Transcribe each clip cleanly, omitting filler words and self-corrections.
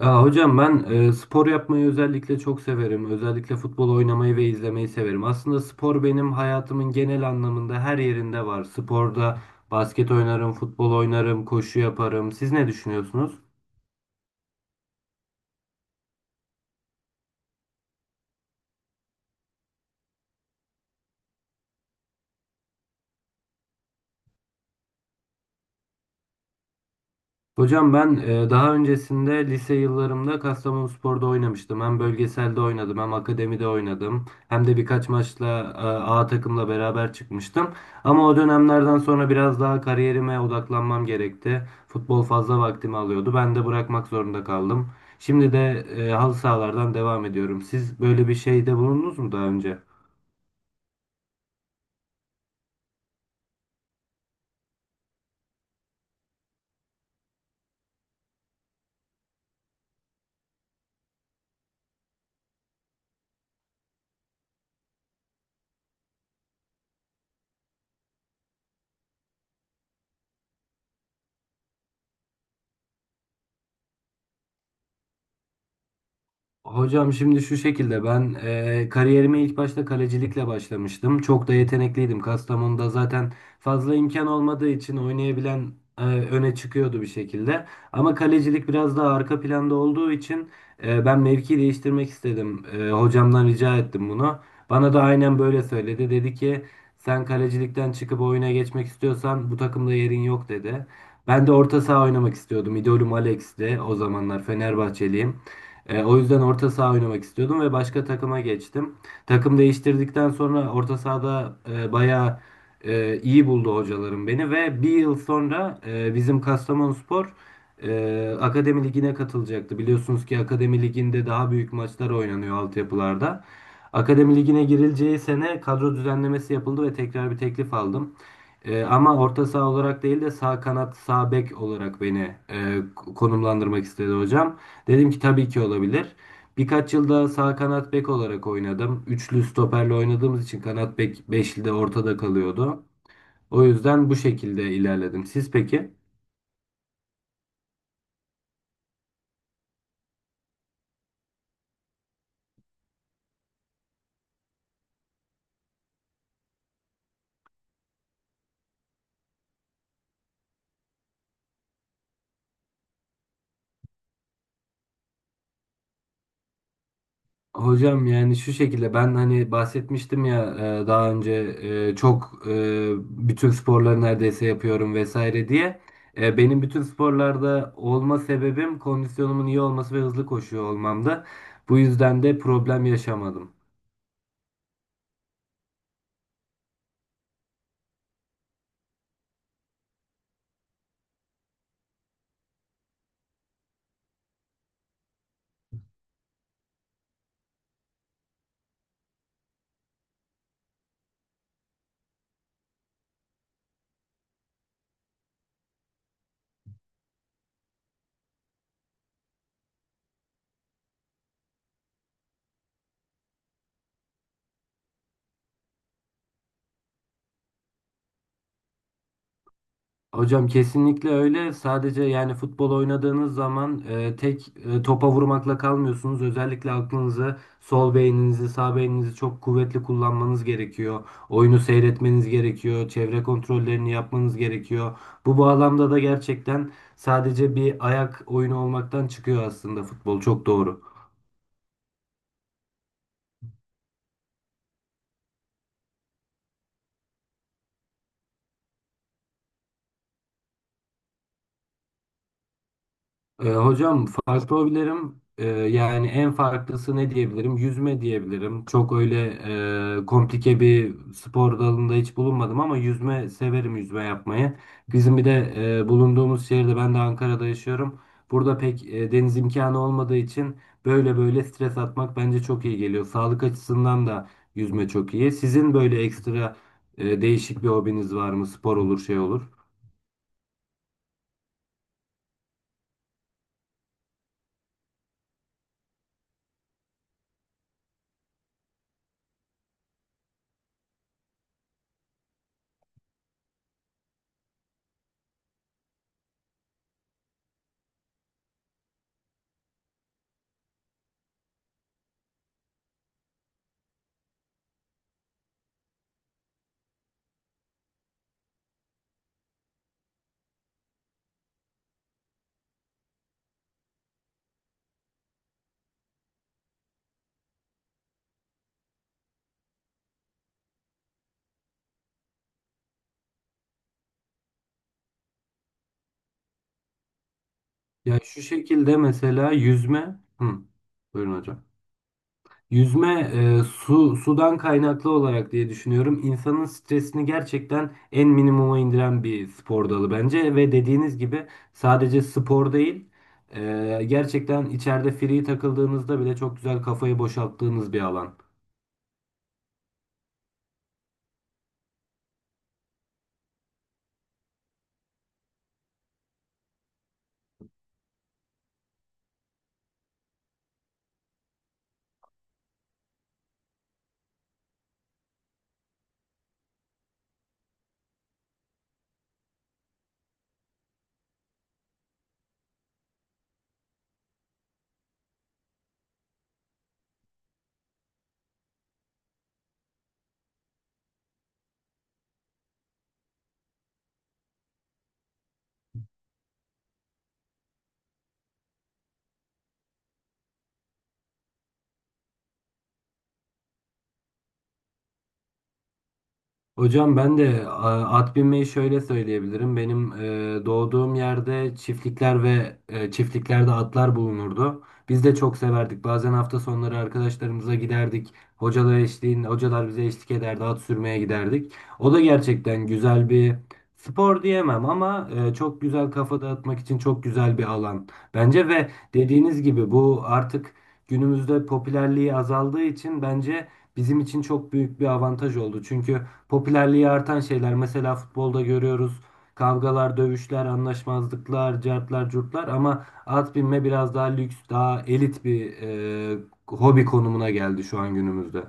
Ya hocam ben spor yapmayı özellikle çok severim. Özellikle futbol oynamayı ve izlemeyi severim. Aslında spor benim hayatımın genel anlamında her yerinde var. Sporda basket oynarım, futbol oynarım, koşu yaparım. Siz ne düşünüyorsunuz? Hocam ben daha öncesinde lise yıllarımda Kastamonuspor'da oynamıştım. Hem bölgeselde oynadım, hem akademide oynadım. Hem de birkaç maçla A takımla beraber çıkmıştım. Ama o dönemlerden sonra biraz daha kariyerime odaklanmam gerekti. Futbol fazla vaktimi alıyordu. Ben de bırakmak zorunda kaldım. Şimdi de halı sahalardan devam ediyorum. Siz böyle bir şeyde bulundunuz mu daha önce? Hocam şimdi şu şekilde ben kariyerime ilk başta kalecilikle başlamıştım. Çok da yetenekliydim. Kastamonu'da zaten fazla imkan olmadığı için oynayabilen öne çıkıyordu bir şekilde. Ama kalecilik biraz daha arka planda olduğu için ben mevki değiştirmek istedim. Hocamdan rica ettim bunu. Bana da aynen böyle söyledi. Dedi ki sen kalecilikten çıkıp oyuna geçmek istiyorsan bu takımda yerin yok dedi. Ben de orta saha oynamak istiyordum. İdolüm Alex'ti o zamanlar, Fenerbahçeliyim. O yüzden orta saha oynamak istiyordum ve başka takıma geçtim. Takım değiştirdikten sonra orta sahada bayağı iyi buldu hocalarım beni ve bir yıl sonra bizim Kastamonuspor Akademi Ligi'ne katılacaktı. Biliyorsunuz ki Akademi Ligi'nde daha büyük maçlar oynanıyor altyapılarda. Akademi ligine girileceği sene kadro düzenlemesi yapıldı ve tekrar bir teklif aldım. Ama orta saha olarak değil de sağ kanat, sağ bek olarak beni konumlandırmak istedi hocam. Dedim ki tabii ki olabilir. Birkaç yılda sağ kanat bek olarak oynadım. Üçlü stoperle oynadığımız için kanat bek beşli de ortada kalıyordu. O yüzden bu şekilde ilerledim. Siz peki? Hocam yani şu şekilde ben hani bahsetmiştim ya, daha önce bütün sporları neredeyse yapıyorum vesaire diye. Benim bütün sporlarda olma sebebim kondisyonumun iyi olması ve hızlı koşuyor olmamdı. Bu yüzden de problem yaşamadım. Hocam kesinlikle öyle. Sadece yani futbol oynadığınız zaman tek topa vurmakla kalmıyorsunuz. Özellikle aklınızı, sol beyninizi, sağ beyninizi çok kuvvetli kullanmanız gerekiyor. Oyunu seyretmeniz gerekiyor. Çevre kontrollerini yapmanız gerekiyor. Bu bağlamda da gerçekten sadece bir ayak oyunu olmaktan çıkıyor aslında futbol. Çok doğru. Hocam farklı hobilerim, yani en farklısı ne diyebilirim? Yüzme diyebilirim. Çok öyle komplike bir spor dalında hiç bulunmadım ama yüzme severim, yüzme yapmayı. Bizim bir de bulunduğumuz şehirde, ben de Ankara'da yaşıyorum. Burada pek deniz imkanı olmadığı için böyle böyle stres atmak bence çok iyi geliyor. Sağlık açısından da yüzme çok iyi. Sizin böyle ekstra değişik bir hobiniz var mı? Spor olur, şey olur. Ya şu şekilde mesela yüzme, hı, buyurun hocam. Yüzme e, su sudan kaynaklı olarak diye düşünüyorum. İnsanın stresini gerçekten en minimuma indiren bir spor dalı bence ve dediğiniz gibi sadece spor değil, gerçekten içeride free takıldığınızda bile çok güzel kafayı boşalttığınız bir alan. Hocam ben de at binmeyi şöyle söyleyebilirim. Benim doğduğum yerde çiftlikler ve çiftliklerde atlar bulunurdu. Biz de çok severdik. Bazen hafta sonları arkadaşlarımıza giderdik. Hocalar eşliğinde, hocalar bize eşlik ederdi. At sürmeye giderdik. O da gerçekten güzel bir spor diyemem ama çok güzel kafa dağıtmak için çok güzel bir alan. Bence ve dediğiniz gibi bu artık günümüzde popülerliği azaldığı için bence bizim için çok büyük bir avantaj oldu. Çünkü popülerliği artan şeyler. Mesela futbolda görüyoruz kavgalar, dövüşler, anlaşmazlıklar, cartlar, curtlar ama at binme biraz daha lüks, daha elit bir hobi konumuna geldi şu an günümüzde.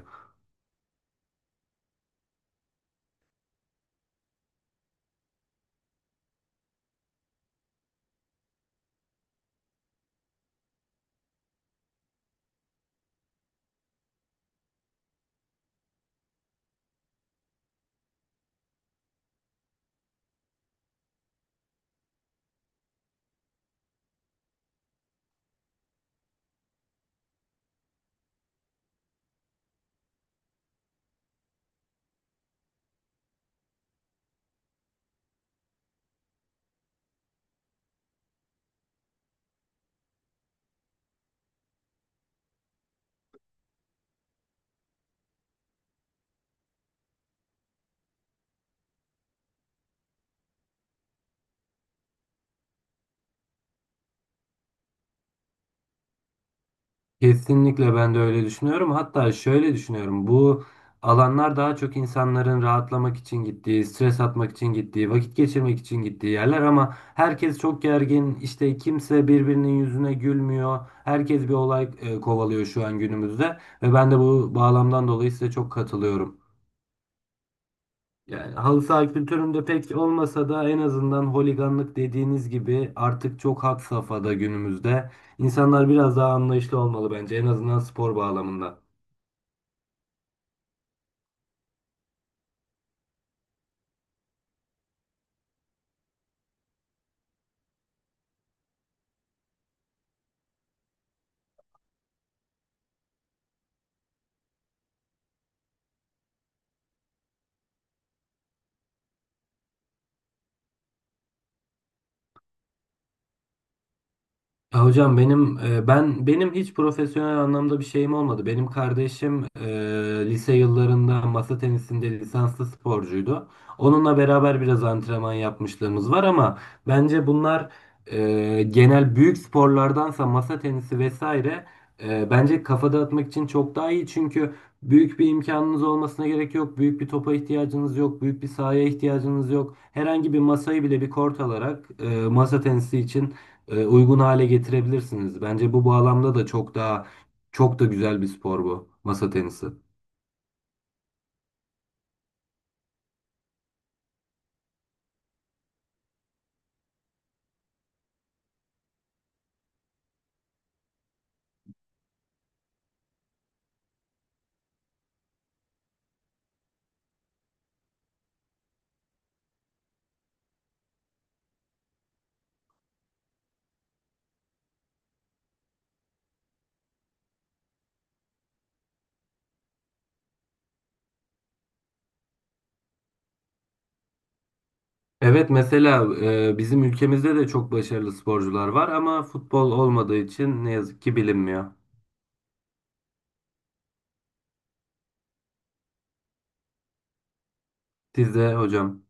Kesinlikle ben de öyle düşünüyorum. Hatta şöyle düşünüyorum. Bu alanlar daha çok insanların rahatlamak için gittiği, stres atmak için gittiği, vakit geçirmek için gittiği yerler ama herkes çok gergin. İşte kimse birbirinin yüzüne gülmüyor. Herkes bir olay kovalıyor şu an günümüzde ve ben de bu bağlamdan dolayı size çok katılıyorum. Yani halı saha kültüründe pek olmasa da en azından holiganlık dediğiniz gibi artık çok had safhada günümüzde. İnsanlar biraz daha anlayışlı olmalı bence, en azından spor bağlamında. Ya hocam benim benim hiç profesyonel anlamda bir şeyim olmadı. Benim kardeşim lise yıllarında masa tenisinde lisanslı sporcuydu. Onunla beraber biraz antrenman yapmışlığımız var ama bence bunlar genel büyük sporlardansa masa tenisi vesaire bence kafa dağıtmak için çok daha iyi. Çünkü büyük bir imkanınız olmasına gerek yok. Büyük bir topa ihtiyacınız yok. Büyük bir sahaya ihtiyacınız yok. Herhangi bir masayı bile bir kort alarak masa tenisi için uygun hale getirebilirsiniz. Bence bu bağlamda da çok da güzel bir spor bu masa tenisi. Evet mesela bizim ülkemizde de çok başarılı sporcular var ama futbol olmadığı için ne yazık ki bilinmiyor. Siz de hocam.